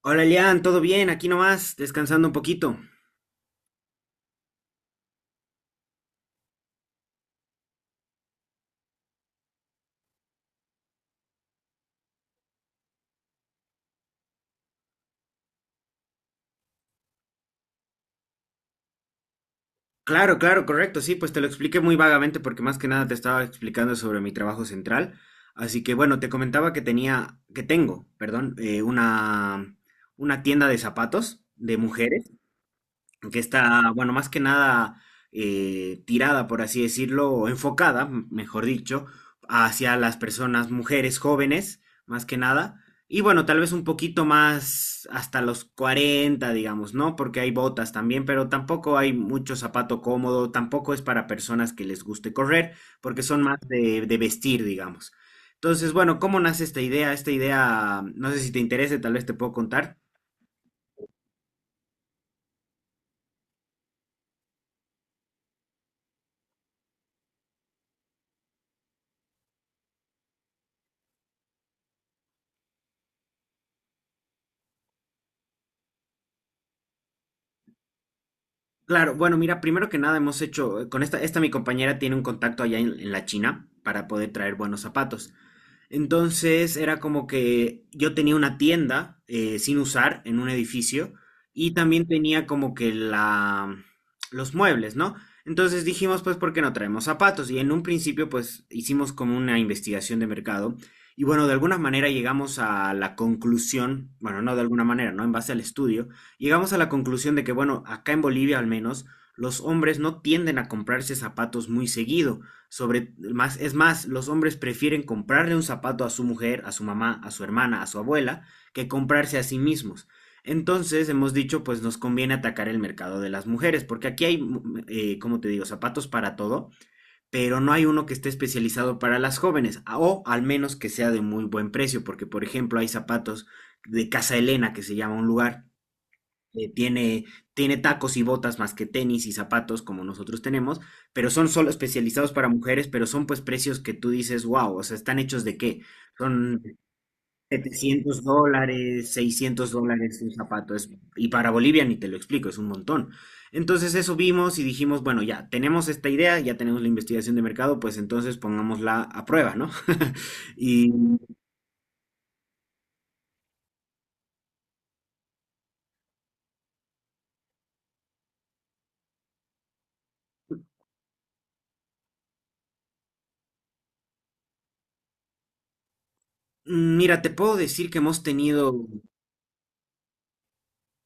Hola Elian, ¿todo bien? Aquí nomás, descansando un poquito. Claro, claro, correcto, sí, pues te lo expliqué muy vagamente porque más que nada te estaba explicando sobre mi trabajo central. Así que bueno, te comentaba que tenía, que tengo, perdón, una tienda de zapatos de mujeres, que está, bueno, más que nada tirada, por así decirlo, o enfocada, mejor dicho, hacia las personas, mujeres jóvenes, más que nada. Y bueno, tal vez un poquito más hasta los 40 digamos, ¿no? Porque hay botas también, pero tampoco hay mucho zapato cómodo, tampoco es para personas que les guste correr, porque son más de vestir, digamos. Entonces, bueno, ¿cómo nace esta idea? Esta idea, no sé si te interese, tal vez te puedo contar. Claro, bueno, mira, primero que nada hemos hecho, con esta mi compañera tiene un contacto allá en la China para poder traer buenos zapatos. Entonces era como que yo tenía una tienda sin usar en un edificio y también tenía como que los muebles, ¿no? Entonces dijimos, pues, ¿por qué no traemos zapatos? Y en un principio, pues, hicimos como una investigación de mercado y bueno, de alguna manera llegamos a la conclusión, bueno, no de alguna manera, ¿no? En base al estudio, llegamos a la conclusión de que, bueno, acá en Bolivia al menos, los hombres no tienden a comprarse zapatos muy seguido. Es más, los hombres prefieren comprarle un zapato a su mujer, a su mamá, a su hermana, a su abuela, que comprarse a sí mismos. Entonces, hemos dicho, pues nos conviene atacar el mercado de las mujeres, porque aquí hay, como te digo, zapatos para todo, pero no hay uno que esté especializado para las jóvenes, o al menos que sea de muy buen precio, porque, por ejemplo, hay zapatos de Casa Elena, que se llama un lugar, eh, tiene, tiene tacos y botas más que tenis y zapatos como nosotros tenemos, pero son solo especializados para mujeres, pero son pues precios que tú dices, wow, o sea, ¿están hechos de qué? Son $700, $600 un Y para Bolivia ni te lo explico, es un montón. Entonces eso vimos y dijimos, bueno, ya tenemos esta idea, ya tenemos la investigación de mercado, pues entonces pongámosla a prueba, ¿no? Y mira, te puedo decir que hemos tenido.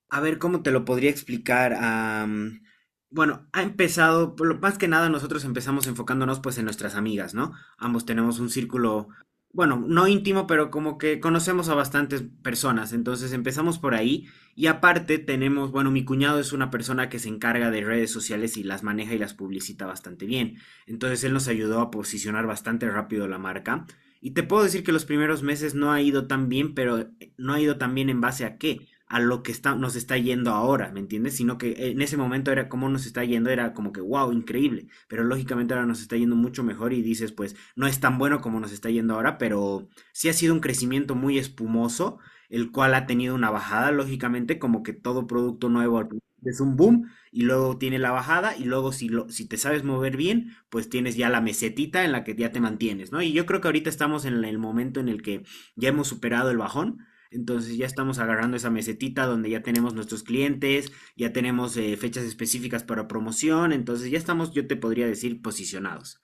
A ver, ¿cómo te lo podría explicar? Bueno, ha empezado, más que nada nosotros empezamos enfocándonos pues en nuestras amigas, ¿no? Ambos tenemos un círculo, bueno, no íntimo, pero como que conocemos a bastantes personas, entonces empezamos por ahí y aparte tenemos, bueno, mi cuñado es una persona que se encarga de redes sociales y las maneja y las publicita bastante bien, entonces él nos ayudó a posicionar bastante rápido la marca. Y te puedo decir que los primeros meses no ha ido tan bien, pero qué, no ha ido tan bien en base a qué, a lo que está, nos está yendo ahora, ¿me entiendes? Sino que en ese momento era como nos está yendo, era como que, wow, increíble, pero lógicamente ahora nos está yendo mucho mejor y dices, pues, no es tan bueno como nos está yendo ahora, pero sí ha sido un crecimiento muy espumoso, el cual ha tenido una bajada, lógicamente, como que todo producto nuevo al principio es un boom y luego tiene la bajada y luego si te sabes mover bien, pues tienes ya la mesetita en la que ya te mantienes, ¿no? Y yo creo que ahorita estamos en el momento en el que ya hemos superado el bajón, entonces ya estamos agarrando esa mesetita donde ya tenemos nuestros clientes, ya tenemos fechas específicas para promoción, entonces ya estamos, yo te podría decir, posicionados.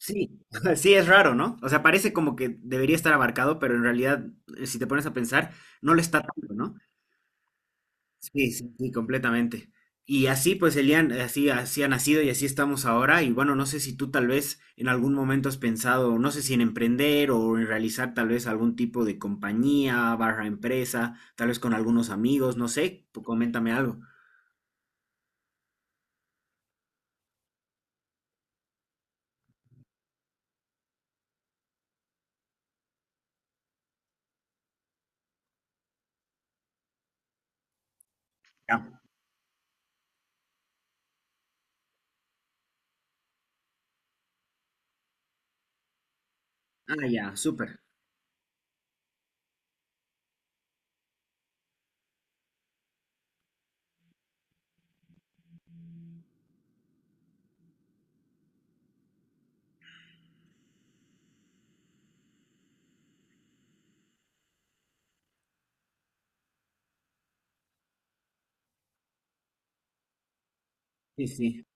Sí, sí es raro, ¿no? O sea, parece como que debería estar abarcado, pero en realidad, si te pones a pensar, no lo está tanto, ¿no? Sí, sí, sí, completamente. Y así pues Elian, así, así ha nacido y así estamos ahora. Y bueno, no sé si tú tal vez en algún momento has pensado, no sé si en emprender o en realizar tal vez algún tipo de compañía, barra empresa, tal vez con algunos amigos, no sé, tú coméntame algo. Ya. Ah, ya, súper. Sí, sí.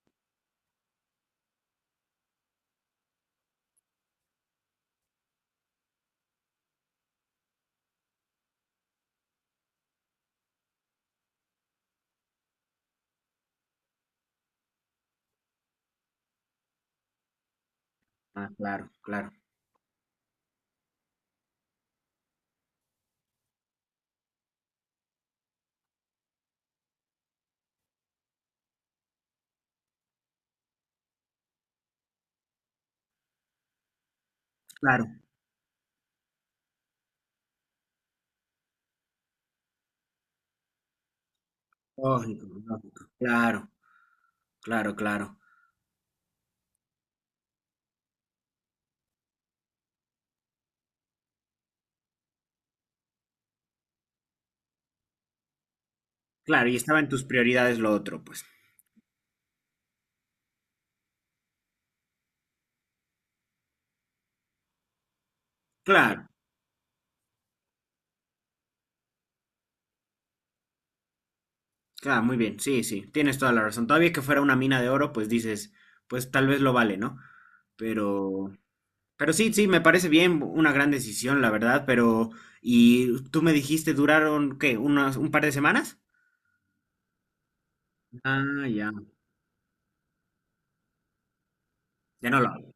Ah, claro, claro, claro. Lógico, lógico. Claro, claro, claro. Claro, y estaba en tus prioridades lo otro, pues. Claro. Claro, muy bien, sí, sí, tienes toda la razón. Todavía que fuera una mina de oro, pues dices, pues tal vez lo vale, ¿no? Pero, pero sí, sí, me parece bien, una gran decisión, la verdad, pero, y tú me dijiste, duraron, ¿qué? ¿Un par de semanas? Ah, ya, ya no lo hago.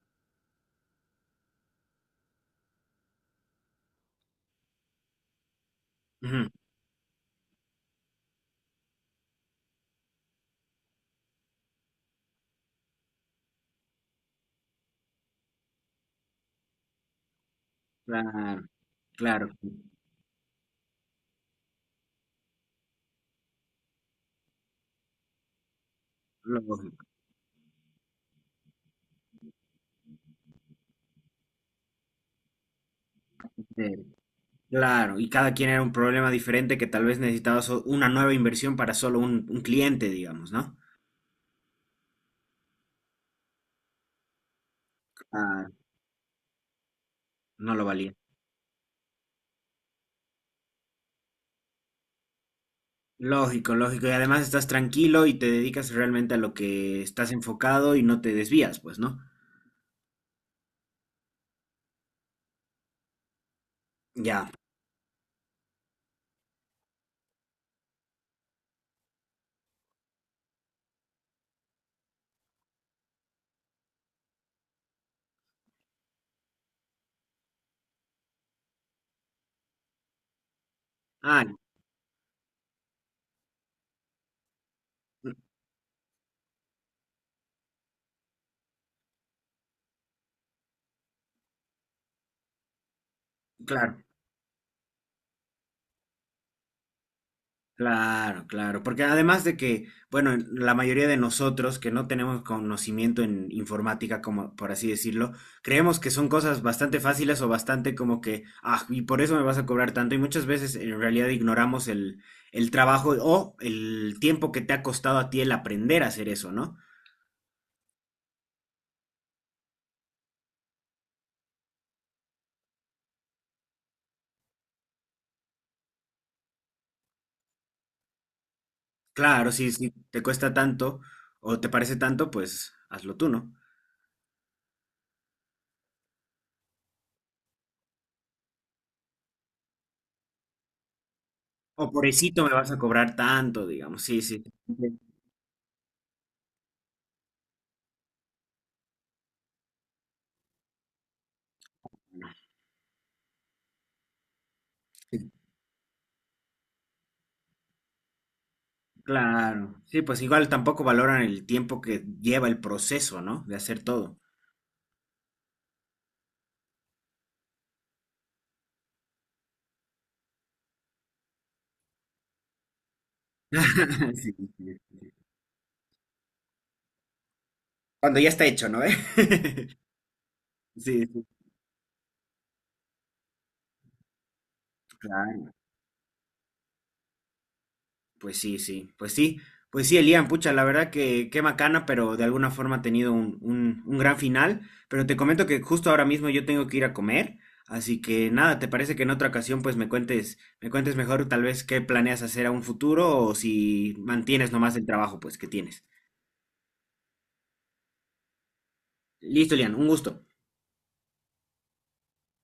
Ujú. Claro, claro, lógico, eh, claro, y cada quien era un problema diferente que tal vez necesitaba una nueva inversión para solo un cliente, digamos, ¿no? Ah, no lo valía. Lógico, lógico. Y además estás tranquilo y te dedicas realmente a lo que estás enfocado y no te desvías, pues, ¿no? Ya. Ah, mm, claro, claro, claro. Porque además de que, bueno, la mayoría de nosotros que no tenemos conocimiento en informática, como por así decirlo, creemos que son cosas bastante fáciles o bastante como que, ah, y por eso me vas a cobrar tanto. Y muchas veces en realidad ignoramos el trabajo o el tiempo que te ha costado a ti el aprender a hacer eso, ¿no? Claro, si te cuesta tanto o te parece tanto, pues hazlo tú, ¿no? O pobrecito me vas a cobrar tanto, digamos. Sí, sí. Sí, claro. Sí, pues igual tampoco valoran el tiempo que lleva el proceso, ¿no? De hacer todo. Sí, sí. Cuando ya está hecho, ¿no? ¿Eh? Sí, sí, claro. Pues sí, sí, pues sí, pues sí, Elian, pucha, la verdad que qué macana, pero de alguna forma ha tenido un gran final. Pero te comento que justo ahora mismo yo tengo que ir a comer, así que nada, ¿te parece que en otra ocasión pues me cuentes mejor tal vez qué planeas hacer a un futuro o si mantienes nomás el trabajo pues que tienes? Listo, Elian, un gusto.